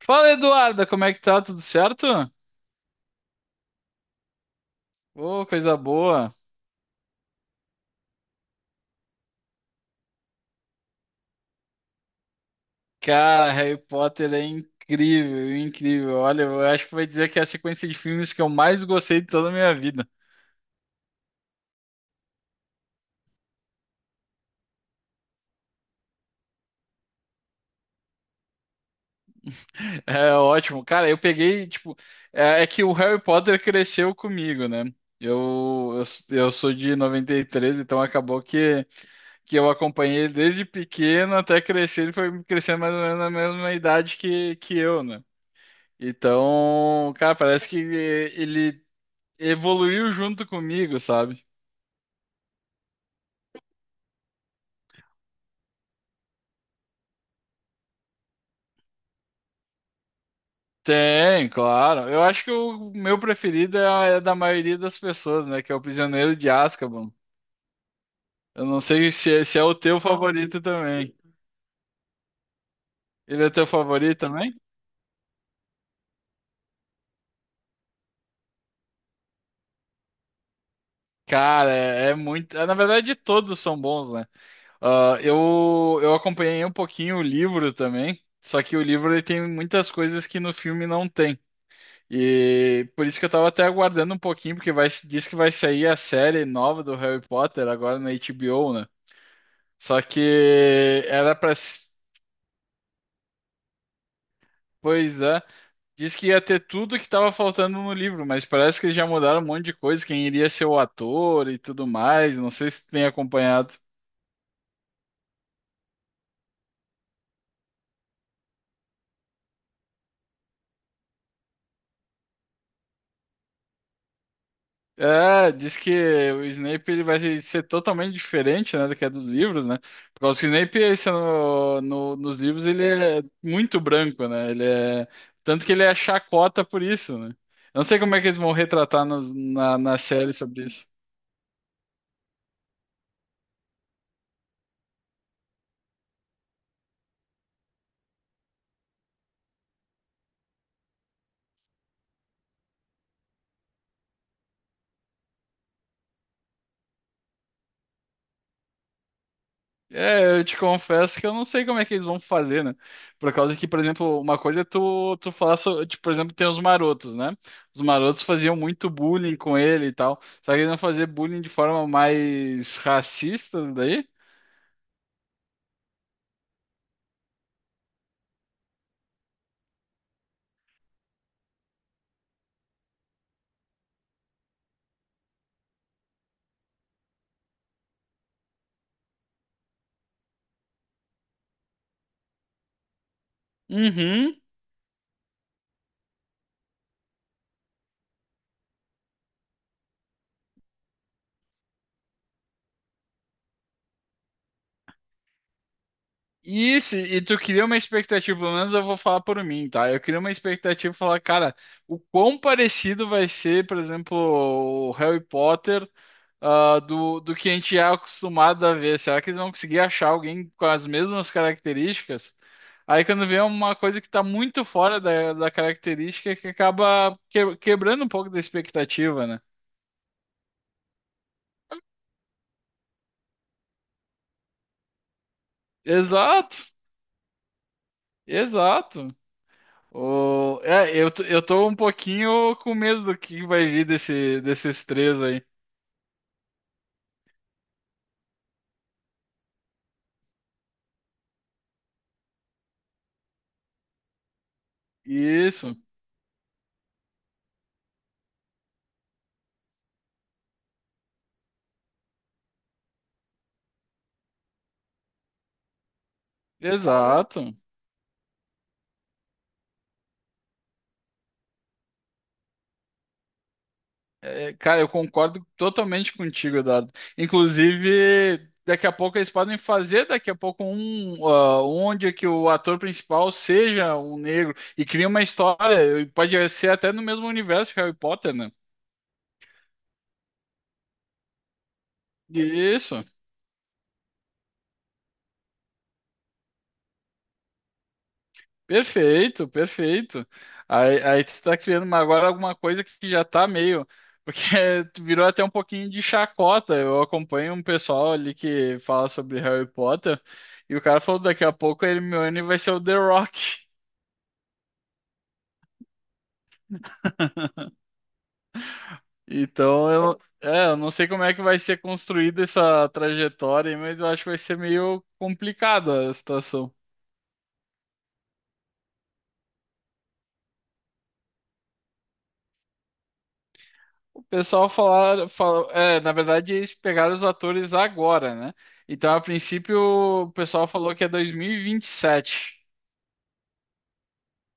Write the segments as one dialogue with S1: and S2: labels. S1: Fala, Eduarda, como é que tá? Tudo certo? Ô, coisa boa. Cara, Harry Potter é incrível, incrível. Olha, eu acho que vai dizer que é a sequência de filmes que eu mais gostei de toda a minha vida. É ótimo. Cara, eu peguei, tipo, é que o Harry Potter cresceu comigo, né? Eu, eu sou de 93, então acabou que eu acompanhei ele desde pequeno até crescer. Ele foi crescendo mais ou menos na mesma idade que eu, né? Então, cara, parece que ele evoluiu junto comigo, sabe? Tem, claro. Eu acho que o meu preferido é, é da maioria das pessoas, né? Que é o Prisioneiro de Azkaban. Eu não sei se, se é o teu favorito também. Ele é teu favorito também? Cara, é muito. É, na verdade, todos são bons, né? Ah, eu acompanhei um pouquinho o livro também. Só que o livro ele tem muitas coisas que no filme não tem. E por isso que eu tava até aguardando um pouquinho, porque vai, diz que vai sair a série nova do Harry Potter agora na HBO, né? Só que era pra. s- Pois é. Diz que ia ter tudo que tava faltando no livro, mas parece que eles já mudaram um monte de coisa, quem iria ser o ator e tudo mais. Não sei se tu tem acompanhado. É, diz que o Snape ele vai ser totalmente diferente, né, do que é dos livros, né? Porque o Snape, esse é nos livros, ele é muito branco, né? Ele é... Tanto que ele é chacota por isso, né? Eu não sei como é que eles vão retratar na série sobre isso. É, eu te confesso que eu não sei como é que eles vão fazer, né? Por causa que, por exemplo, uma coisa é tu, tu falar, tipo, por exemplo, tem os marotos, né? Os marotos faziam muito bullying com ele e tal. Só que eles vão fazer bullying de forma mais racista daí? Uhum. E, se, e tu cria uma expectativa, pelo menos eu vou falar por mim, tá? Eu queria uma expectativa e falar, cara, o quão parecido vai ser, por exemplo, o Harry Potter. Ah, do que a gente é acostumado a ver. Será que eles vão conseguir achar alguém com as mesmas características? Aí quando vê uma coisa que está muito fora da característica que acaba quebrando um pouco da expectativa, né? Exato, exato. O, é, eu tô um pouquinho com medo do que vai vir desses três aí. Isso, exato. É, cara, eu concordo totalmente contigo, Eduardo. Inclusive, daqui a pouco eles podem fazer, daqui a pouco, um, ah, onde que o ator principal seja um negro e cria uma história. Pode ser até no mesmo universo que Harry Potter, né? Isso. Perfeito, perfeito. Aí, tu tá criando uma- agora alguma coisa que já tá meio. Porque tu virou até um pouquinho de chacota. Eu acompanho um pessoal ali que fala sobre Harry Potter. E o cara falou: daqui a pouco a Hermione vai ser o The Rock. Então eu, é, eu não sei como é que vai ser construída essa trajetória, aí, mas eu acho que vai ser meio complicada a situação. O pessoal é, na verdade eles pegaram os atores agora, né? Então, a princípio, o pessoal falou que é 2027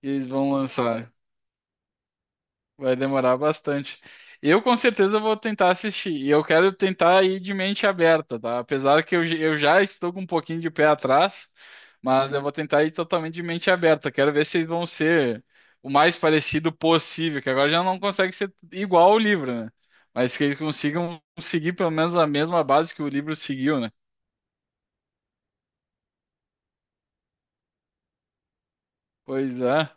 S1: que eles vão lançar. Vai demorar bastante. Eu com certeza vou tentar assistir. E eu quero tentar ir de mente aberta, tá? Apesar que eu já estou com um pouquinho de pé atrás, mas eu vou tentar ir totalmente de mente aberta. Quero ver se vocês vão ser o mais parecido possível, que agora já não consegue ser igual ao livro, né? Mas que eles consigam seguir pelo menos a mesma base que o livro seguiu, né? Pois é.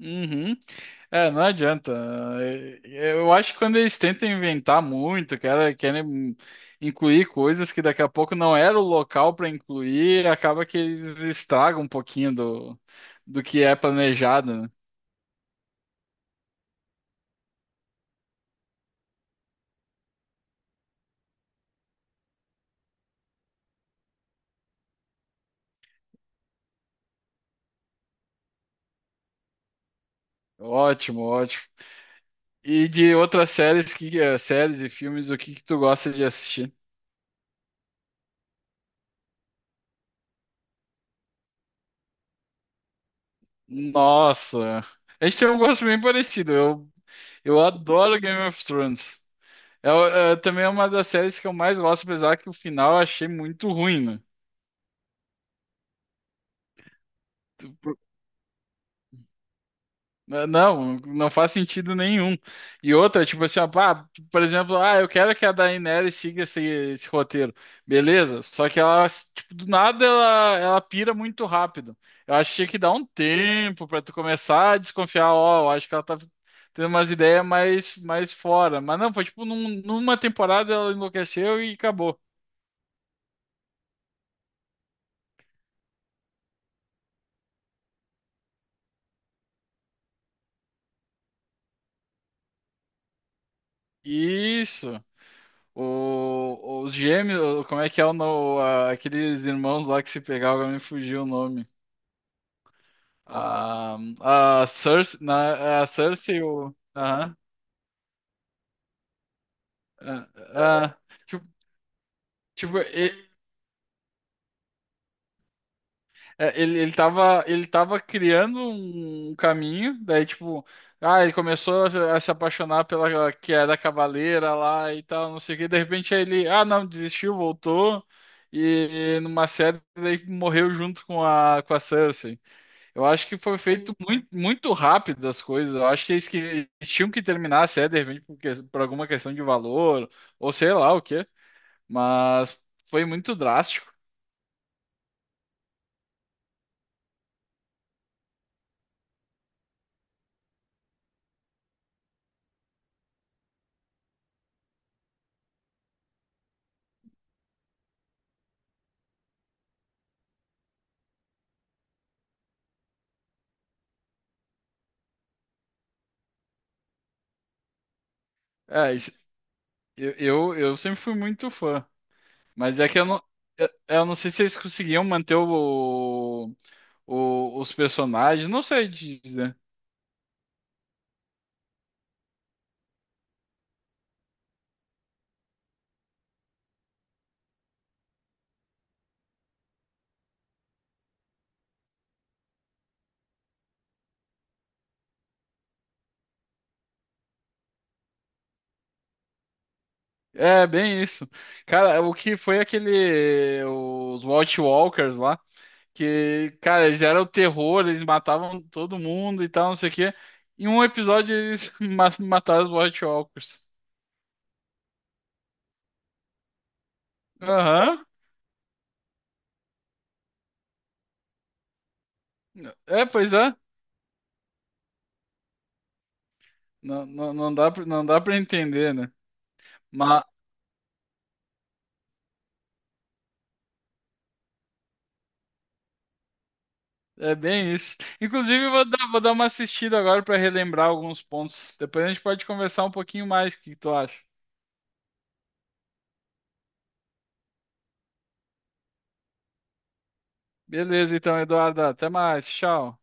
S1: Uhum. É, não adianta. É, eu acho que quando eles tentam inventar muito, cara, querem incluir coisas que daqui a pouco não era o local para incluir, acaba que eles estragam um pouquinho do, do que é planejado, né? Ótimo, ótimo. E de outras séries que eh, séries e filmes, o que que tu gosta de assistir? Nossa, a gente tem um gosto bem parecido. Eu adoro Game of Thrones. É, é, também é uma das séries que eu mais gosto, apesar que o final eu achei muito ruim, né? Tu- por- Não, não faz sentido nenhum. E outra, tipo assim, ó, pá, por exemplo, ah, eu quero que a Daenerys siga esse roteiro. Beleza, só que ela, tipo, do nada ela pira muito rápido. Eu acho que tinha que dar um tempo pra tu começar a desconfiar, ó, eu acho que ela tá tendo umas ideias mais, mais fora. Mas não, foi tipo, numa temporada ela enlouqueceu e acabou. Isso. O, os gêmeos, como é que é o no, a- aqueles irmãos lá que se pegavam, agora me fugiu o nome. A, é a Cersei, o. Aham. a- a- tipo, tipo, e- ele tava criando um caminho, daí, tipo, ah, ele começou a, se apaixonar pela que era cavaleira lá e tal, não sei o que, de repente aí ele, ah, não, desistiu, voltou, e, numa série, daí morreu junto com a Cersei. Eu acho que foi feito muito, muito rápido as coisas. Eu acho que que eles tinham que terminar a série, de repente, por alguma questão de valor, ou sei lá o quê. Mas foi muito drástico. É, eu sempre fui muito fã. Mas é que eu não sei se eles conseguiam manter o, os personagens. Não sei dizer. É, bem isso. Cara, o que foi aquele. Os Watchwalkers lá. Que, cara, eles eram o terror, eles matavam todo mundo e tal, não sei o quê. Em um episódio eles mataram os White Walkers. Aham. É, pois é. Não, não dá pra entender, né? Mas é bem isso. Inclusive, vou dar uma assistida agora pra relembrar alguns pontos. Depois a gente pode conversar um pouquinho mais. O que que tu acha? Beleza, então, Eduardo. Até mais. Tchau.